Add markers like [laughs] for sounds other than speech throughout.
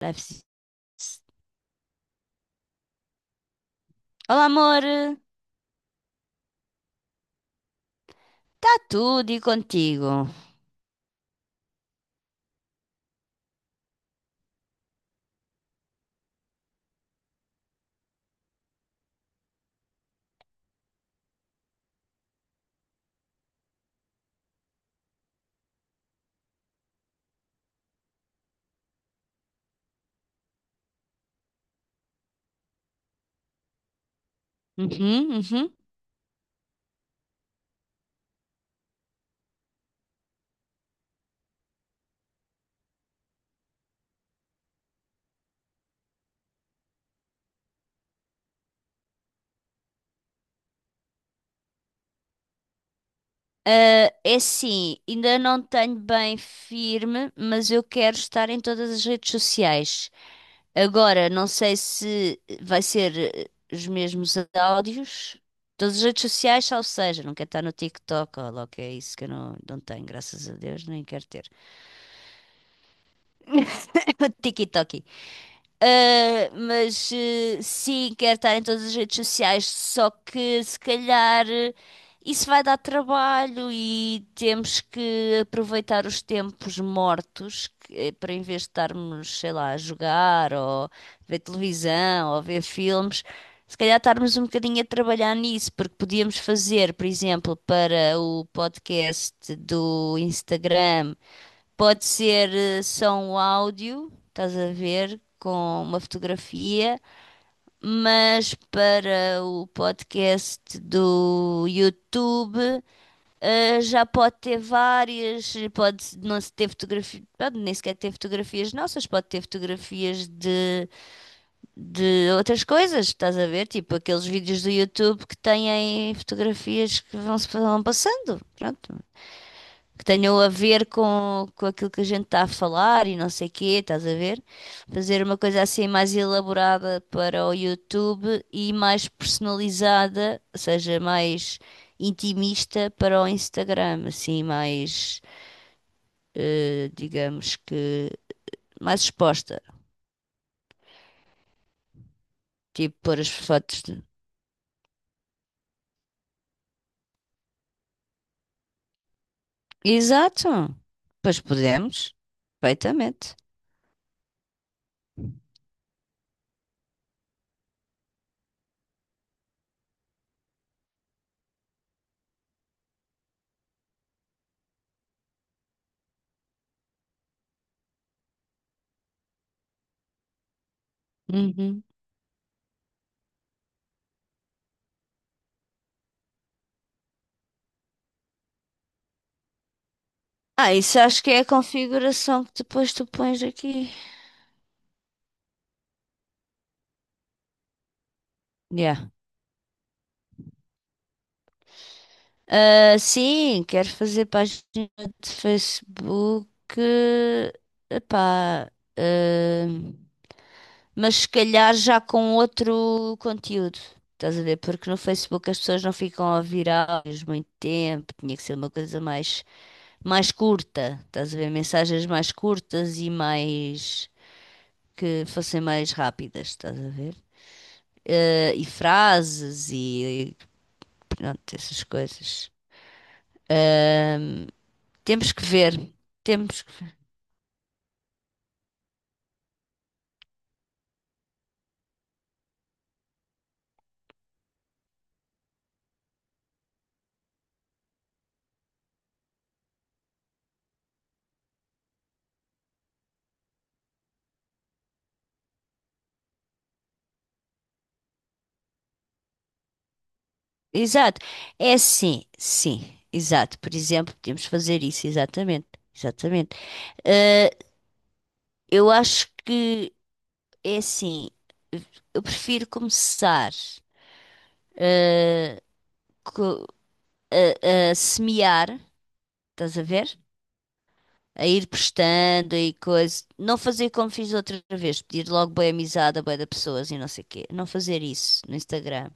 Deve ser. Olá, amor. Está tudo e contigo? Uhum, uhum. Ah, é assim, ainda não tenho bem firme, mas eu quero estar em todas as redes sociais. Agora, não sei se vai ser os mesmos áudios. Todas as redes sociais, ou seja, não quero estar no TikTok, ó, logo que é isso que eu não tenho, graças a Deus, nem quero ter. [laughs] TikTok. Mas sim, quero estar em todas as redes sociais, só que se calhar isso vai dar trabalho e temos que aproveitar os tempos mortos para em vez de estarmos, sei lá, a jogar ou ver televisão ou ver filmes, se calhar estarmos um bocadinho a trabalhar nisso, porque podíamos fazer, por exemplo, para o podcast do Instagram. Pode ser só um áudio, estás a ver, com uma fotografia, mas para o podcast do YouTube, já pode ter várias, pode não se ter fotografias, pode nem sequer ter fotografias nossas, pode ter fotografias de outras coisas, estás a ver, tipo aqueles vídeos do YouTube que têm fotografias que vão, vão passando, pronto, que tenham a ver com aquilo que a gente está a falar e não sei quê, estás a ver? Fazer uma coisa assim mais elaborada para o YouTube e mais personalizada, ou seja, mais intimista para o Instagram, assim, mais, digamos que, mais exposta. Tipo, pôr as fotos de... Exato! Pois podemos, perfeitamente. Uhum. Ah, isso acho que é a configuração que depois tu pões aqui. Yeah. Ah, sim, quero fazer página de Facebook. Epá, ah, mas se calhar já com outro conteúdo. Estás a ver? Porque no Facebook as pessoas não ficam a ouvir muito tempo. Tinha que ser uma coisa mais, mais curta. Estás a ver? Mensagens mais curtas e mais que fossem mais rápidas. Estás a ver? Ah, e e pronto, essas coisas. Ah, temos que ver. Temos que ver. Exato. É sim, sim. Exato. Por exemplo, podemos fazer isso, exatamente. Exatamente. Ah, eu acho que é assim. Eu prefiro começar co- a semear, estás a ver? A ir prestando e coisa. Não fazer como fiz outra vez, pedir logo boa amizade a bué de pessoas e não sei o quê. Não fazer isso no Instagram.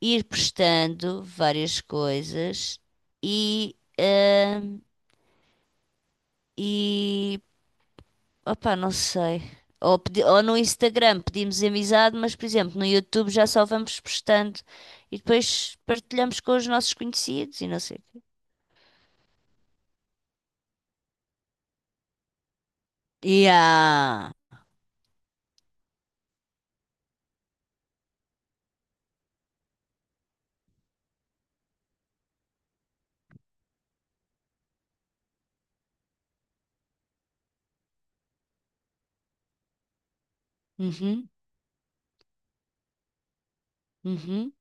Ir prestando várias coisas e. ah, e opá, não sei. Ou no Instagram pedimos amizade, mas por exemplo, no YouTube já só vamos postando e depois partilhamos com os nossos conhecidos e não sei o quê. Yeah. Uhum, uhum.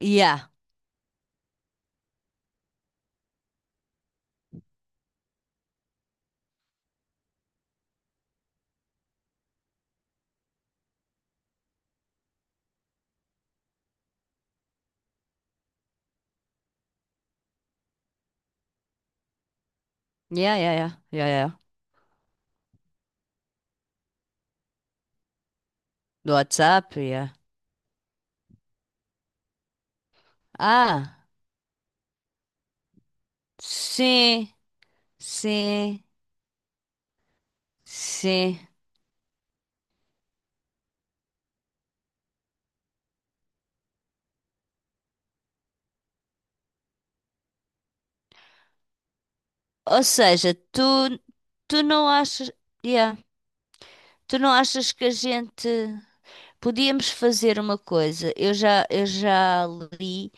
Yeah. Yeah, yeah, yeah, yeah, yeah. Do WhatsApp, yeah. Ah, sim, sim, sim. Ou seja, tu, tu não achas, yeah, tu não achas que a gente podíamos fazer uma coisa. Eu já li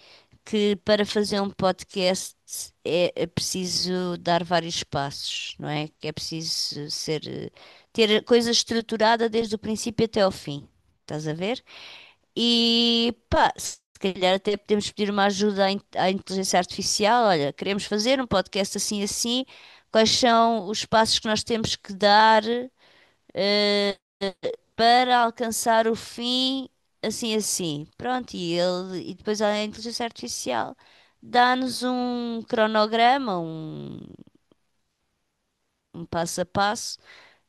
que para fazer um podcast é preciso dar vários passos, não é? Que é preciso ser, ter a coisa estruturada desde o princípio até ao fim. Estás a ver? E pá, se calhar até podemos pedir uma ajuda à inteligência artificial. Olha, queremos fazer um podcast assim assim. Quais são os passos que nós temos que dar? Para alcançar o fim assim assim. Pronto, e ele e depois a inteligência artificial dá-nos um cronograma, um passo a passo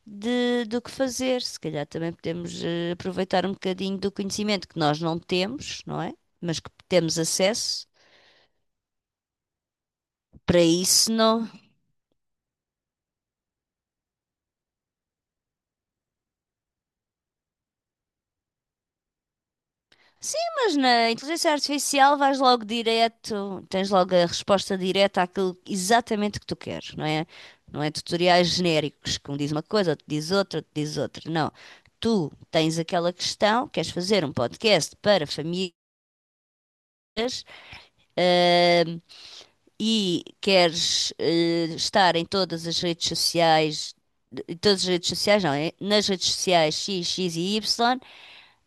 de, do que fazer. Se calhar também podemos aproveitar um bocadinho do conhecimento que nós não temos, não é? Mas que temos acesso. Para isso não, sim, mas na inteligência artificial vais logo direto, tens logo a resposta direta àquilo exatamente que tu queres, não é? Não é tutoriais genéricos que um diz uma coisa, outro diz outra, outro diz outra. Não. Tu tens aquela questão, queres fazer um podcast para famílias, ahm, e queres, estar em todas as redes sociais, em todas as redes sociais, não, é? Nas redes sociais X, X e Y,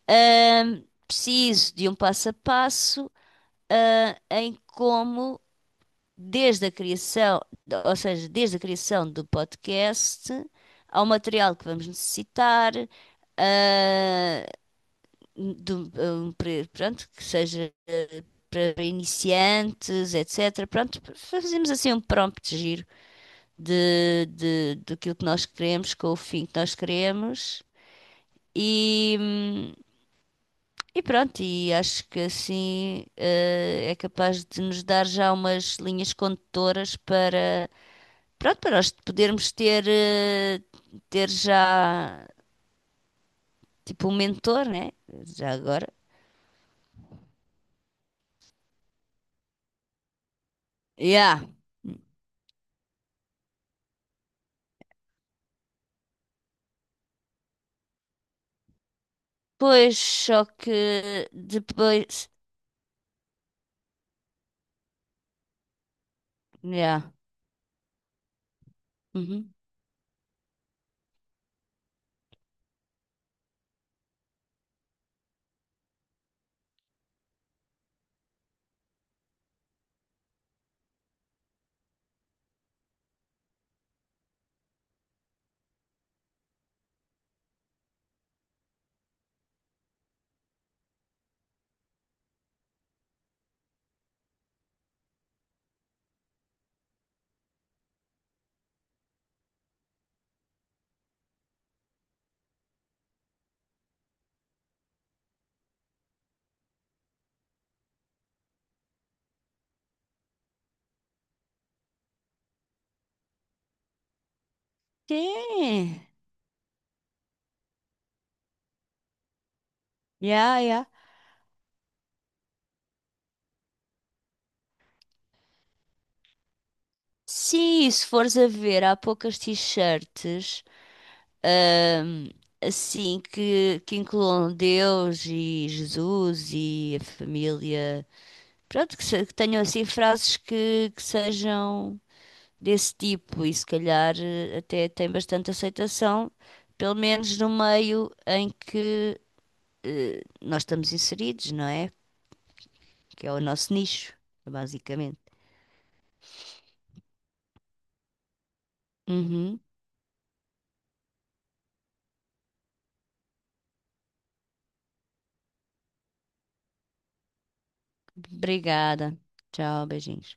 preciso de um passo a passo em como, desde a criação, ou seja, desde a criação do podcast, ao material que vamos necessitar, ah, pronto, que seja para iniciantes, etc. Pronto, fazemos assim um prompt giro daquilo que nós queremos, com o fim que nós queremos. E, hum, E pronto, e acho que assim é capaz de nos dar já umas linhas condutoras para, pronto, para nós podermos ter, ter já tipo um mentor, né? Já agora. Yeah. Pois, só que depois. Yeah. Uhum. Sim. Yeah, yeah. Sim, se fores a ver, há poucas t-shirts ahm, assim que incluam Deus e Jesus e a família. Pronto, que, se- que tenham assim frases que sejam desse tipo e se calhar até tem bastante aceitação, pelo menos no meio em que nós estamos inseridos, não é? Que é o nosso nicho, basicamente. Uhum. Obrigada. Tchau, beijinhos.